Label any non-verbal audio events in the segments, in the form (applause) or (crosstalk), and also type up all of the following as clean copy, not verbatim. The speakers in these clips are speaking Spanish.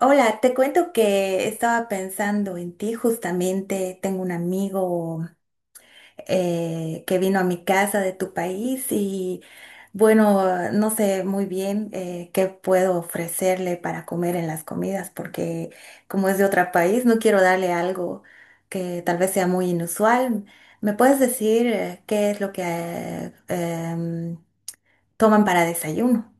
Hola, te cuento que estaba pensando en ti justamente. Tengo un amigo que vino a mi casa de tu país y bueno, no sé muy bien qué puedo ofrecerle para comer en las comidas porque como es de otro país, no quiero darle algo que tal vez sea muy inusual. ¿Me puedes decir qué es lo que toman para desayuno?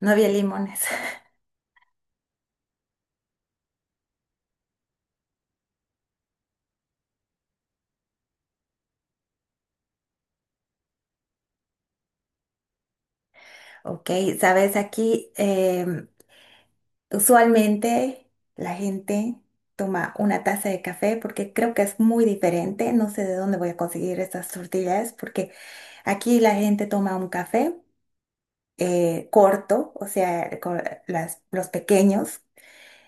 No había limones. (laughs) Ok, sabes, aquí usualmente la gente toma una taza de café porque creo que es muy diferente. No sé de dónde voy a conseguir estas tortillas porque aquí la gente toma un café corto, o sea, los pequeños,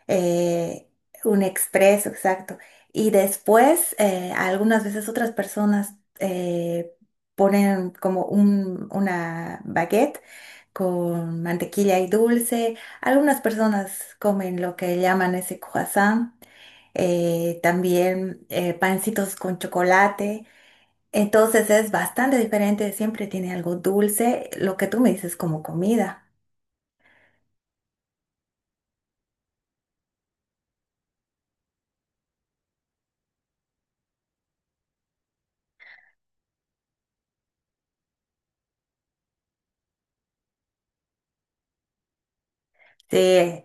eh, un expreso, exacto. Y después, algunas veces otras personas ponen como una baguette con mantequilla y dulce. Algunas personas comen lo que llaman ese croissant. También, pancitos con chocolate. Entonces es bastante diferente, siempre tiene algo dulce, lo que tú me dices como comida. Sí,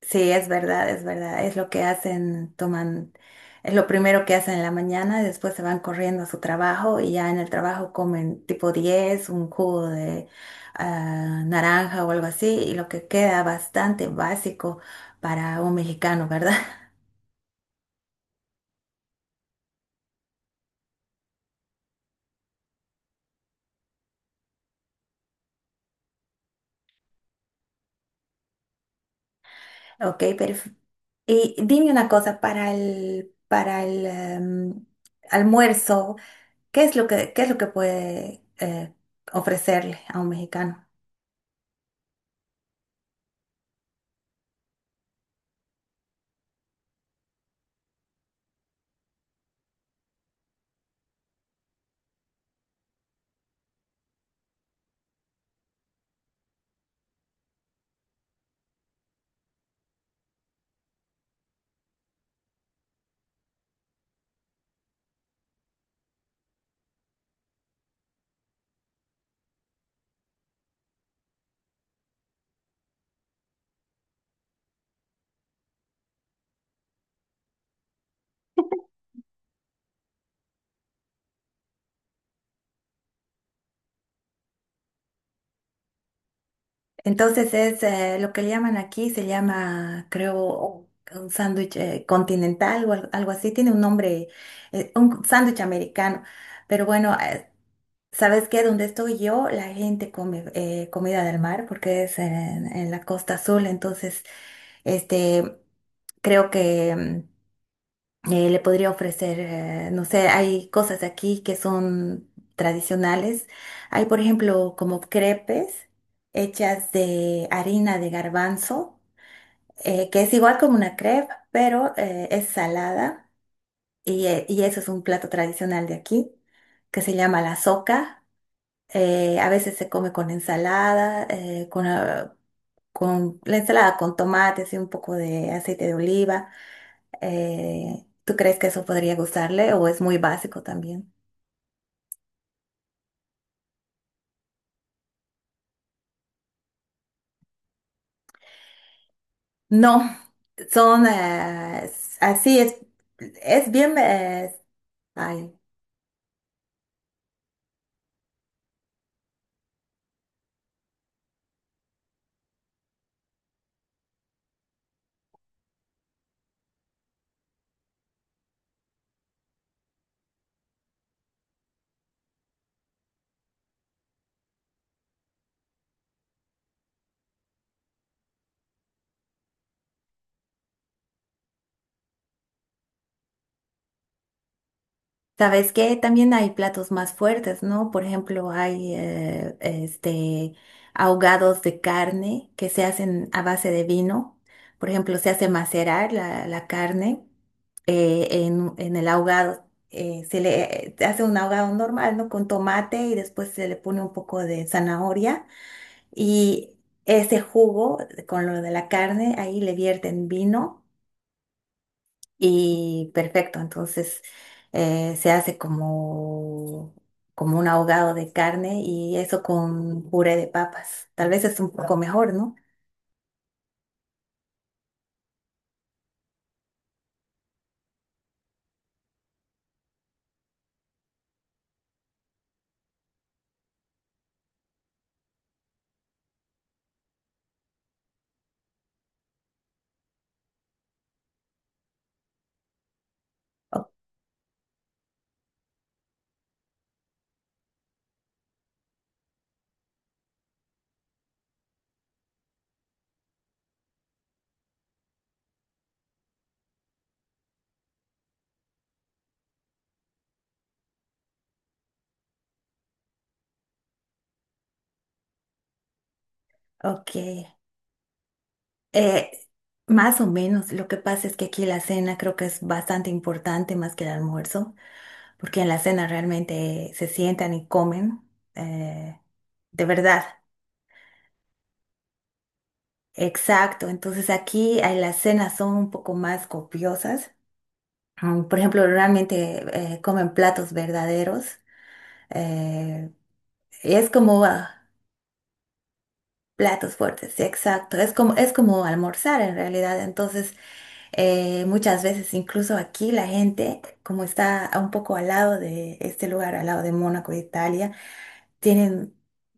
sí, es verdad, es verdad. Es lo que hacen, toman, es lo primero que hacen en la mañana, después se van corriendo a su trabajo y ya en el trabajo comen tipo 10 un jugo de naranja o algo así, y lo que queda bastante básico para un mexicano, ¿verdad? (laughs) Ok, pero y dime una cosa, para el almuerzo, ¿qué es lo que, qué es lo que puede ofrecerle a un mexicano? Entonces es lo que le llaman aquí, se llama, creo, un sándwich continental o algo así, tiene un nombre, un sándwich americano. Pero bueno, ¿sabes qué? Donde estoy yo, la gente come comida del mar porque es en la costa azul, entonces, este, creo que mm, le podría ofrecer, no sé, hay cosas aquí que son tradicionales. Hay, por ejemplo, como crepes hechas de harina de garbanzo, que es igual como una crepe, pero es salada. Y eso es un plato tradicional de aquí, que se llama la soca. A veces se come con ensalada, con, con la ensalada con tomates y un poco de aceite de oliva. ¿Tú crees que eso podría gustarle o es muy básico también? No, son así es bien, ay, Sabes que también hay platos más fuertes, ¿no? Por ejemplo, hay este, ahogados de carne que se hacen a base de vino. Por ejemplo, se hace macerar la, la carne en el ahogado. Se le se hace un ahogado normal, ¿no? Con tomate y después se le pone un poco de zanahoria y ese jugo con lo de la carne, ahí le vierten vino y perfecto, entonces se hace como, como un ahogado de carne y eso con puré de papas. Tal vez es un poco mejor, ¿no? O- ok. Eh, Más o menos, lo que pasa es que aquí la cena creo que es bastante importante más que el almuerzo, porque en la cena realmente se sientan y comen, eh, de verdad. Exacto, entonces aquí las cenas son un poco más copiosas. Por ejemplo, realmente comen platos verdaderos. eh, es como ah, Platos fuertes, sí, exacto. Es como almorzar en realidad. Entonces, muchas veces, incluso aquí, la gente, como está un poco al lado de este lugar, al lado de Mónaco, Italia, tienen,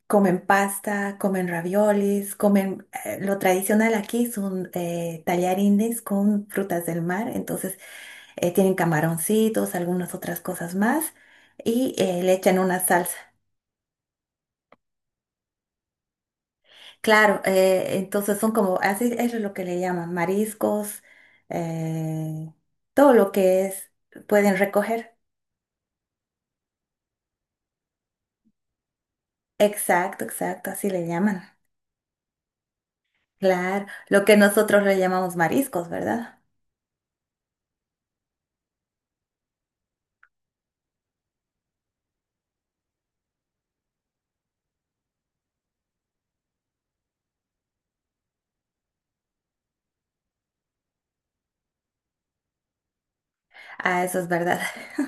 comen pasta, comen raviolis, comen lo tradicional aquí son tallarines con frutas del mar, entonces tienen camaroncitos, algunas otras cosas más y le echan una salsa. Claro, entonces son como, así eso es lo que le llaman mariscos, eh, todo lo que es, pueden recoger. Exacto, exacto, así le llaman. Claro, lo que nosotros le llamamos mariscos, ¿verdad? Ah, eso es verdad. (laughs)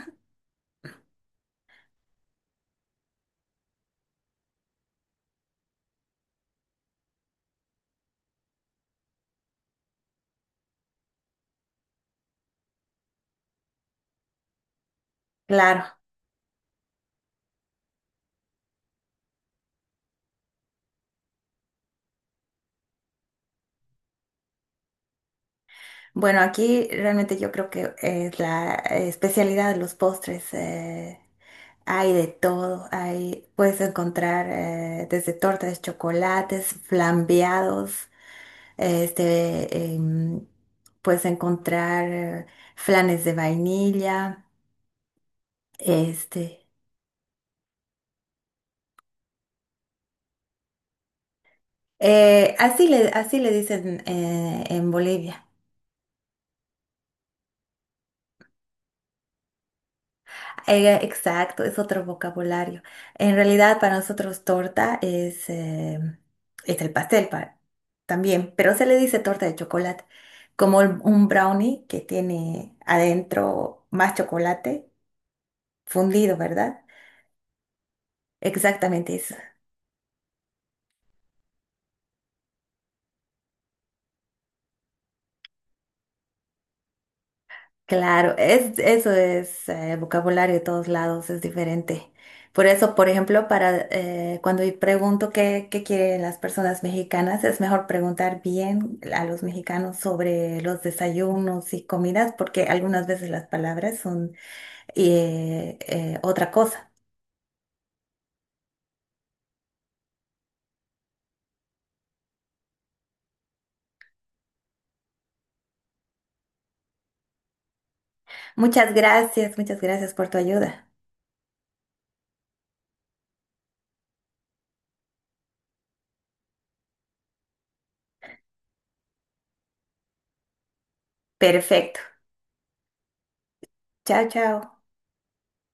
Claro. Bueno, aquí realmente yo creo que es la especialidad de los postres. Hay de todo, hay, puedes encontrar desde tortas, chocolates, flambeados, este, puedes encontrar flanes de vainilla, este, así le dicen en Bolivia. Exacto, es otro vocabulario. En realidad para nosotros torta es el pastel también, pero se le dice torta de chocolate, como un brownie que tiene adentro más chocolate fundido, ¿verdad? Exactamente, es Claro, es, eso es vocabulario de todos lados, es diferente. Por eso, por ejemplo, para cuando yo pregunto qué, qué quieren las personas mexicanas, es mejor preguntar bien a los mexicanos sobre los desayunos y comidas, porque algunas veces las palabras son otra cosa. Muchas gracias por tu ayuda. Perfecto. Chao, chao.